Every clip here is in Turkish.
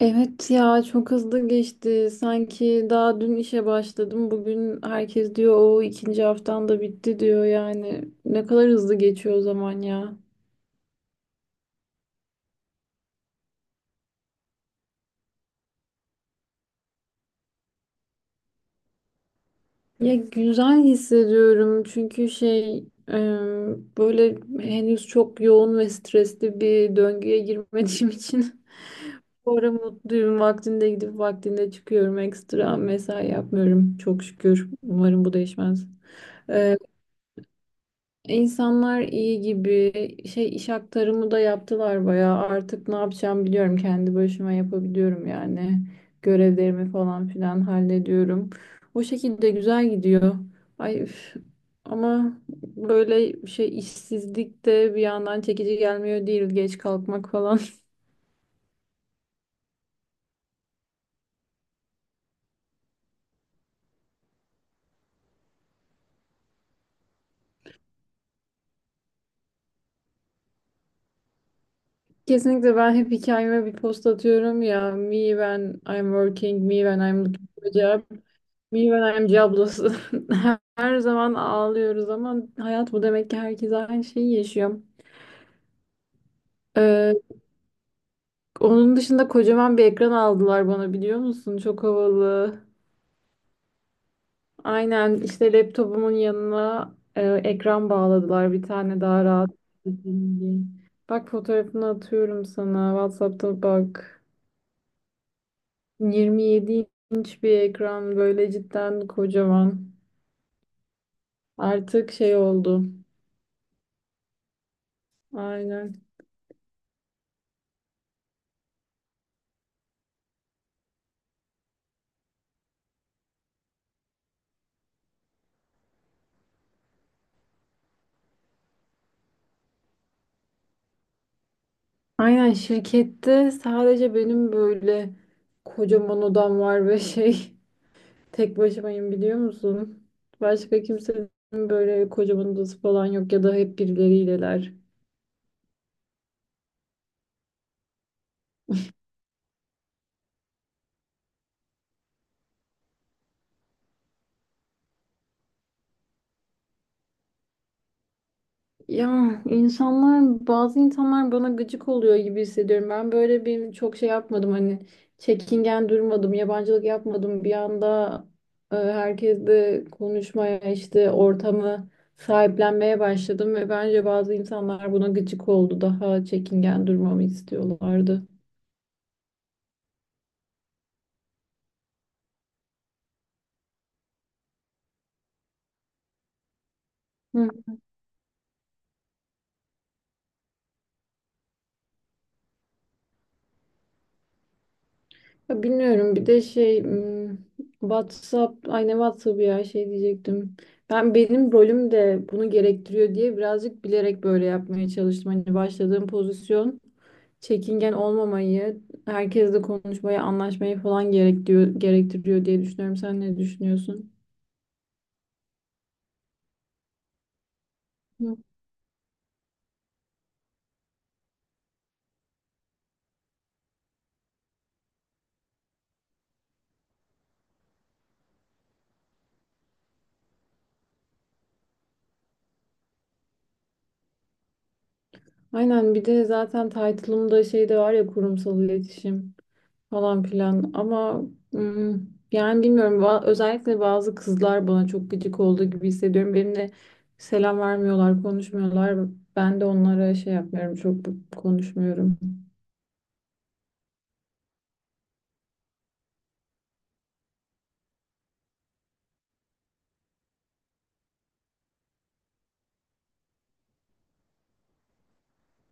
Evet ya çok hızlı geçti. Sanki daha dün işe başladım. Bugün herkes diyor o ikinci haftan da bitti diyor yani. Ne kadar hızlı geçiyor o zaman ya. Ya güzel hissediyorum çünkü şey e, böyle henüz çok yoğun ve stresli bir döngüye girmediğim için bu ara mutluyum. Vaktinde gidip vaktinde çıkıyorum. Ekstra mesai yapmıyorum çok şükür. Umarım bu değişmez. İnsanlar iyi gibi şey iş aktarımı da yaptılar bayağı. Artık ne yapacağımı biliyorum. Kendi başıma yapabiliyorum yani. Görevlerimi falan filan hallediyorum. O şekilde güzel gidiyor. Ay üf. Ama böyle şey işsizlik de bir yandan çekici gelmiyor değil, geç kalkmak falan. Kesinlikle, ben hep hikayeme bir post atıyorum ya. Me when I'm working, me when I'm looking for a job. Milyonerci ablası. Her zaman ağlıyoruz ama hayat bu demek ki, herkes aynı şeyi yaşıyor. Ee, onun dışında kocaman bir ekran aldılar bana, biliyor musun? Çok havalı. Aynen, işte laptopumun yanına ekran bağladılar bir tane, daha rahat edeyim diye. Bak, fotoğrafını atıyorum sana. WhatsApp'ta bak. 27 inç bir ekran, böyle cidden kocaman. Artık şey oldu. Aynen. Aynen, şirkette sadece benim böyle kocaman odam var ve şey tek başımayım, biliyor musun? Başka kimsenin böyle kocaman odası falan yok ya da hep birileriyle. Ya insanlar, bazı insanlar bana gıcık oluyor gibi hissediyorum. Ben böyle bir çok şey yapmadım hani, çekingen durmadım, yabancılık yapmadım. Bir anda herkesle konuşmaya, işte ortamı sahiplenmeye başladım ve bence bazı insanlar buna gıcık oldu. Daha çekingen durmamı istiyorlardı. Ya bilmiyorum bir de şey WhatsApp aynı WhatsApp ya, şey diyecektim. Ben, benim rolüm de bunu gerektiriyor diye birazcık bilerek böyle yapmaya çalıştım. Hani başladığım pozisyon çekingen olmamayı, herkesle konuşmayı, anlaşmayı falan gerektiriyor, gerektiriyor diye düşünüyorum. Sen ne düşünüyorsun? Hı. Aynen, bir de zaten title'ımda şey de var ya, kurumsal iletişim falan filan, ama mm, yani bilmiyorum, özellikle bazı kızlar bana çok gıcık olduğu gibi hissediyorum. Benimle selam vermiyorlar, konuşmuyorlar. Ben de onlara şey yapmıyorum, çok konuşmuyorum.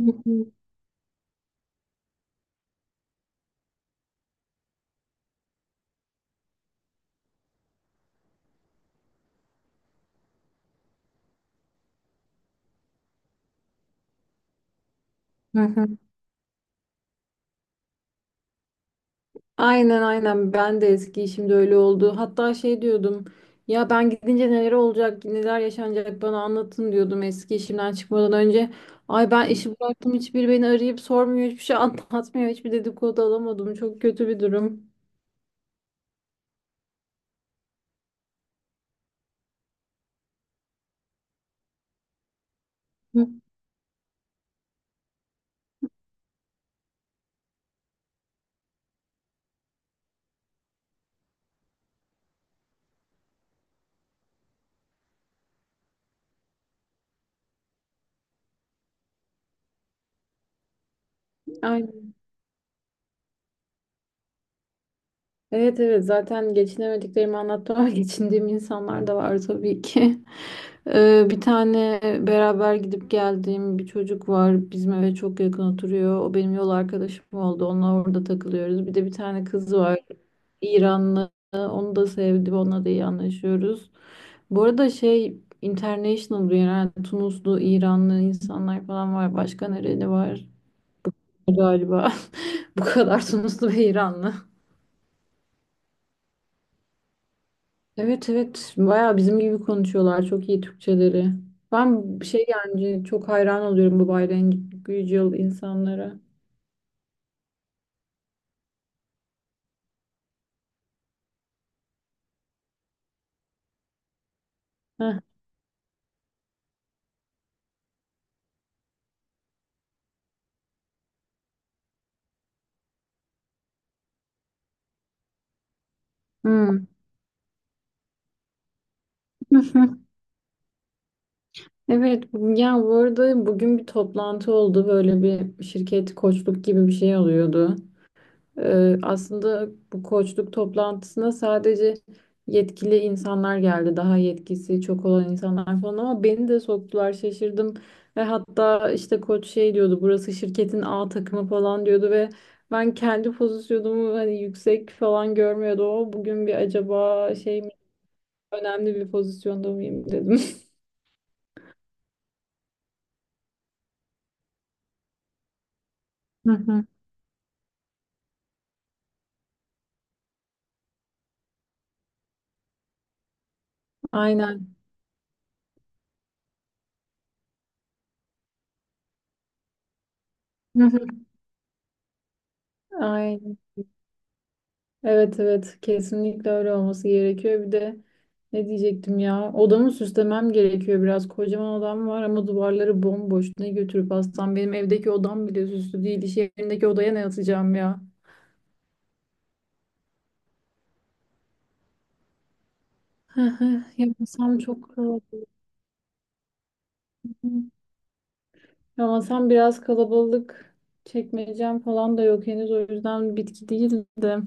Hı hı. Hı hı. Aynen aynen, ben de eski işimde öyle oldu. Hatta şey diyordum ya, ben gidince neler olacak, neler yaşanacak bana anlatın diyordum eski işimden çıkmadan önce. Ay, ben işi bıraktım, hiçbir beni arayıp sormuyor, hiçbir şey anlatmıyor, hiçbir dedikodu alamadım, çok kötü bir durum. Aynen. Evet evet, zaten geçinemediklerimi anlattım ama geçindiğim insanlar da var tabii ki. Bir tane beraber gidip geldiğim bir çocuk var. Bizim eve çok yakın oturuyor. O benim yol arkadaşım oldu. Onunla orada takılıyoruz. Bir de bir tane kız var. İranlı. Onu da sevdim. Onunla da iyi anlaşıyoruz. Bu arada şey, international bir, yani Tunuslu, İranlı insanlar falan var. Başka nereli var? Galiba bu kadar, Tunuslu ve İranlı. Evet evet, bayağı bizim gibi konuşuyorlar, çok iyi Türkçeleri. Ben bir şey, yani çok hayran oluyorum bu gayrimenkul insanlara. Heh. Hmm. Evet ya, bu arada bugün bir toplantı oldu, böyle bir şirket koçluk gibi bir şey oluyordu. Aslında bu koçluk toplantısına sadece yetkili insanlar geldi. Daha yetkisi çok olan insanlar falan, ama beni de soktular, şaşırdım. Ve hatta işte koç şey diyordu, burası şirketin A takımı falan diyordu ve ben kendi pozisyonumu hani yüksek falan görmüyordum. O bugün bir, acaba şey mi, önemli bir pozisyonda mıyım dedim. Hı hı. Aynen. Hı hı. Aynen. Evet evet, kesinlikle öyle olması gerekiyor. Bir de ne diyecektim ya, odamı süslemem gerekiyor biraz. Kocaman odam var ama duvarları bomboş. Ne götürüp atsam, benim evdeki odam bile süslü değil. İş yerindeki odaya ne atacağım ya? Hı hı. Yapmasam çok kalabalık. Yamasam biraz kalabalık. Çekmeyeceğim falan da yok henüz, o yüzden bitki değil de.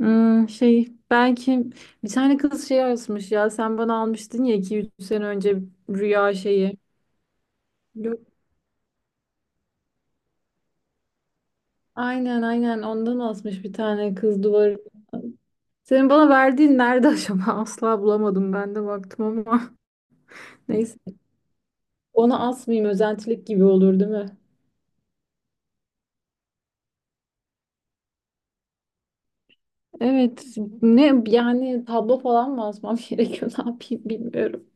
Hmm, şey belki, bir tane kız şey yazmış ya, sen bana almıştın ya 2-3 sene önce, rüya şeyi. Aynen aynen, ondan asmış bir tane kız duvarı. Senin bana verdiğin nerede acaba? Asla bulamadım, ben de baktım ama. Neyse. Onu asmayayım, özentilik gibi olur değil mi? Evet. Ne yani, tablo falan mı asmam gerekiyor? Ne yapayım bilmiyorum.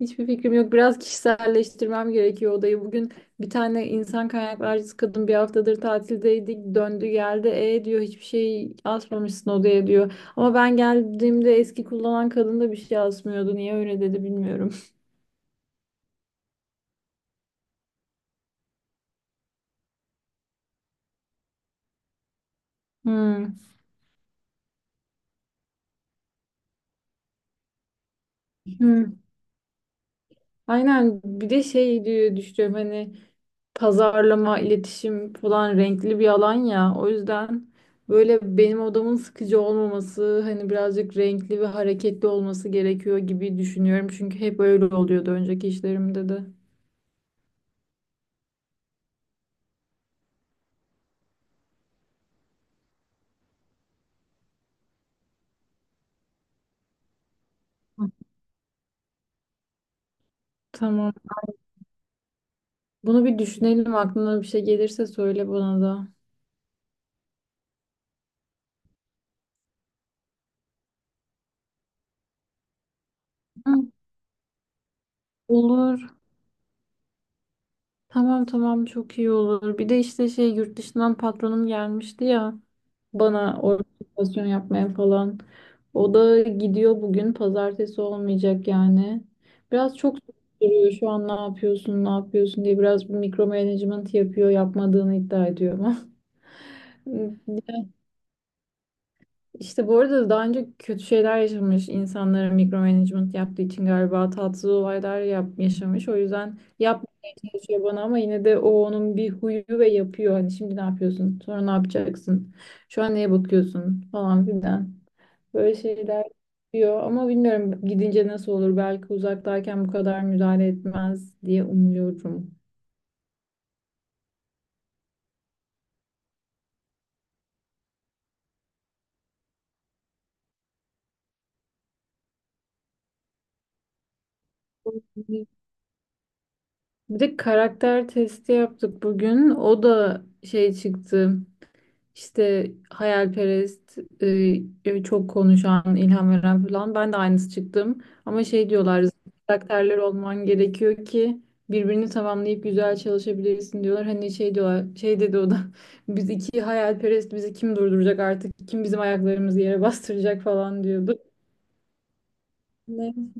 Hiçbir fikrim yok. Biraz kişiselleştirmem gerekiyor odayı. Bugün bir tane insan kaynaklarcısı kadın, bir haftadır tatildeydik, döndü geldi. E diyor, hiçbir şey asmamışsın odaya diyor. Ama ben geldiğimde eski kullanan kadın da bir şey asmıyordu. Niye öyle dedi bilmiyorum. Hmm. Hmm. Aynen, bir de şey diye düşünüyorum hani, pazarlama, iletişim falan renkli bir alan ya. O yüzden böyle benim odamın sıkıcı olmaması, hani birazcık renkli ve hareketli olması gerekiyor gibi düşünüyorum. Çünkü hep öyle oluyordu önceki işlerimde de. Hı. Tamam. Bunu bir düşünelim. Aklına bir şey gelirse söyle bana da. Hı, olur. Tamam tamam, çok iyi olur. Bir de işte şey, yurt dışından patronum gelmişti ya. Bana organizasyon yapmaya falan. O da gidiyor bugün. Pazartesi olmayacak yani. Biraz çok soruyor, şu an ne yapıyorsun, ne yapıyorsun diye, biraz mikro management yapıyor, yapmadığını iddia ediyor ama. İşte, bu arada daha önce kötü şeyler yaşamış insanlara mikro management yaptığı için galiba tatsız olaylar yaşamış. O yüzden yapmaya çalışıyor bana ama yine de o onun bir huyu ve yapıyor. Hani şimdi ne yapıyorsun? Sonra ne yapacaksın? Şu an neye bakıyorsun? Falan filan. Böyle şeyler yapıyor ama bilmiyorum gidince nasıl olur. Belki uzaktayken bu kadar müdahale etmez diye umuyorum. Bir de karakter testi yaptık bugün. O da şey çıktı. İşte hayalperest, çok konuşan, ilham veren falan. Ben de aynısı çıktım. Ama şey diyorlar, zıt karakterler olman gerekiyor ki birbirini tamamlayıp güzel çalışabilirsin diyorlar. Hani şey diyorlar, şey dedi o da. Biz iki hayalperest, bizi kim durduracak artık? Kim bizim ayaklarımızı yere bastıracak falan diyordu. Ne?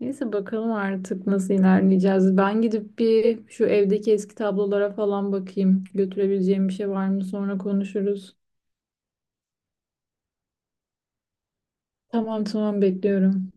Neyse, bakalım artık nasıl ilerleyeceğiz. Ben gidip bir şu evdeki eski tablolara falan bakayım. Götürebileceğim bir şey var mı? Sonra konuşuruz. Tamam tamam, bekliyorum.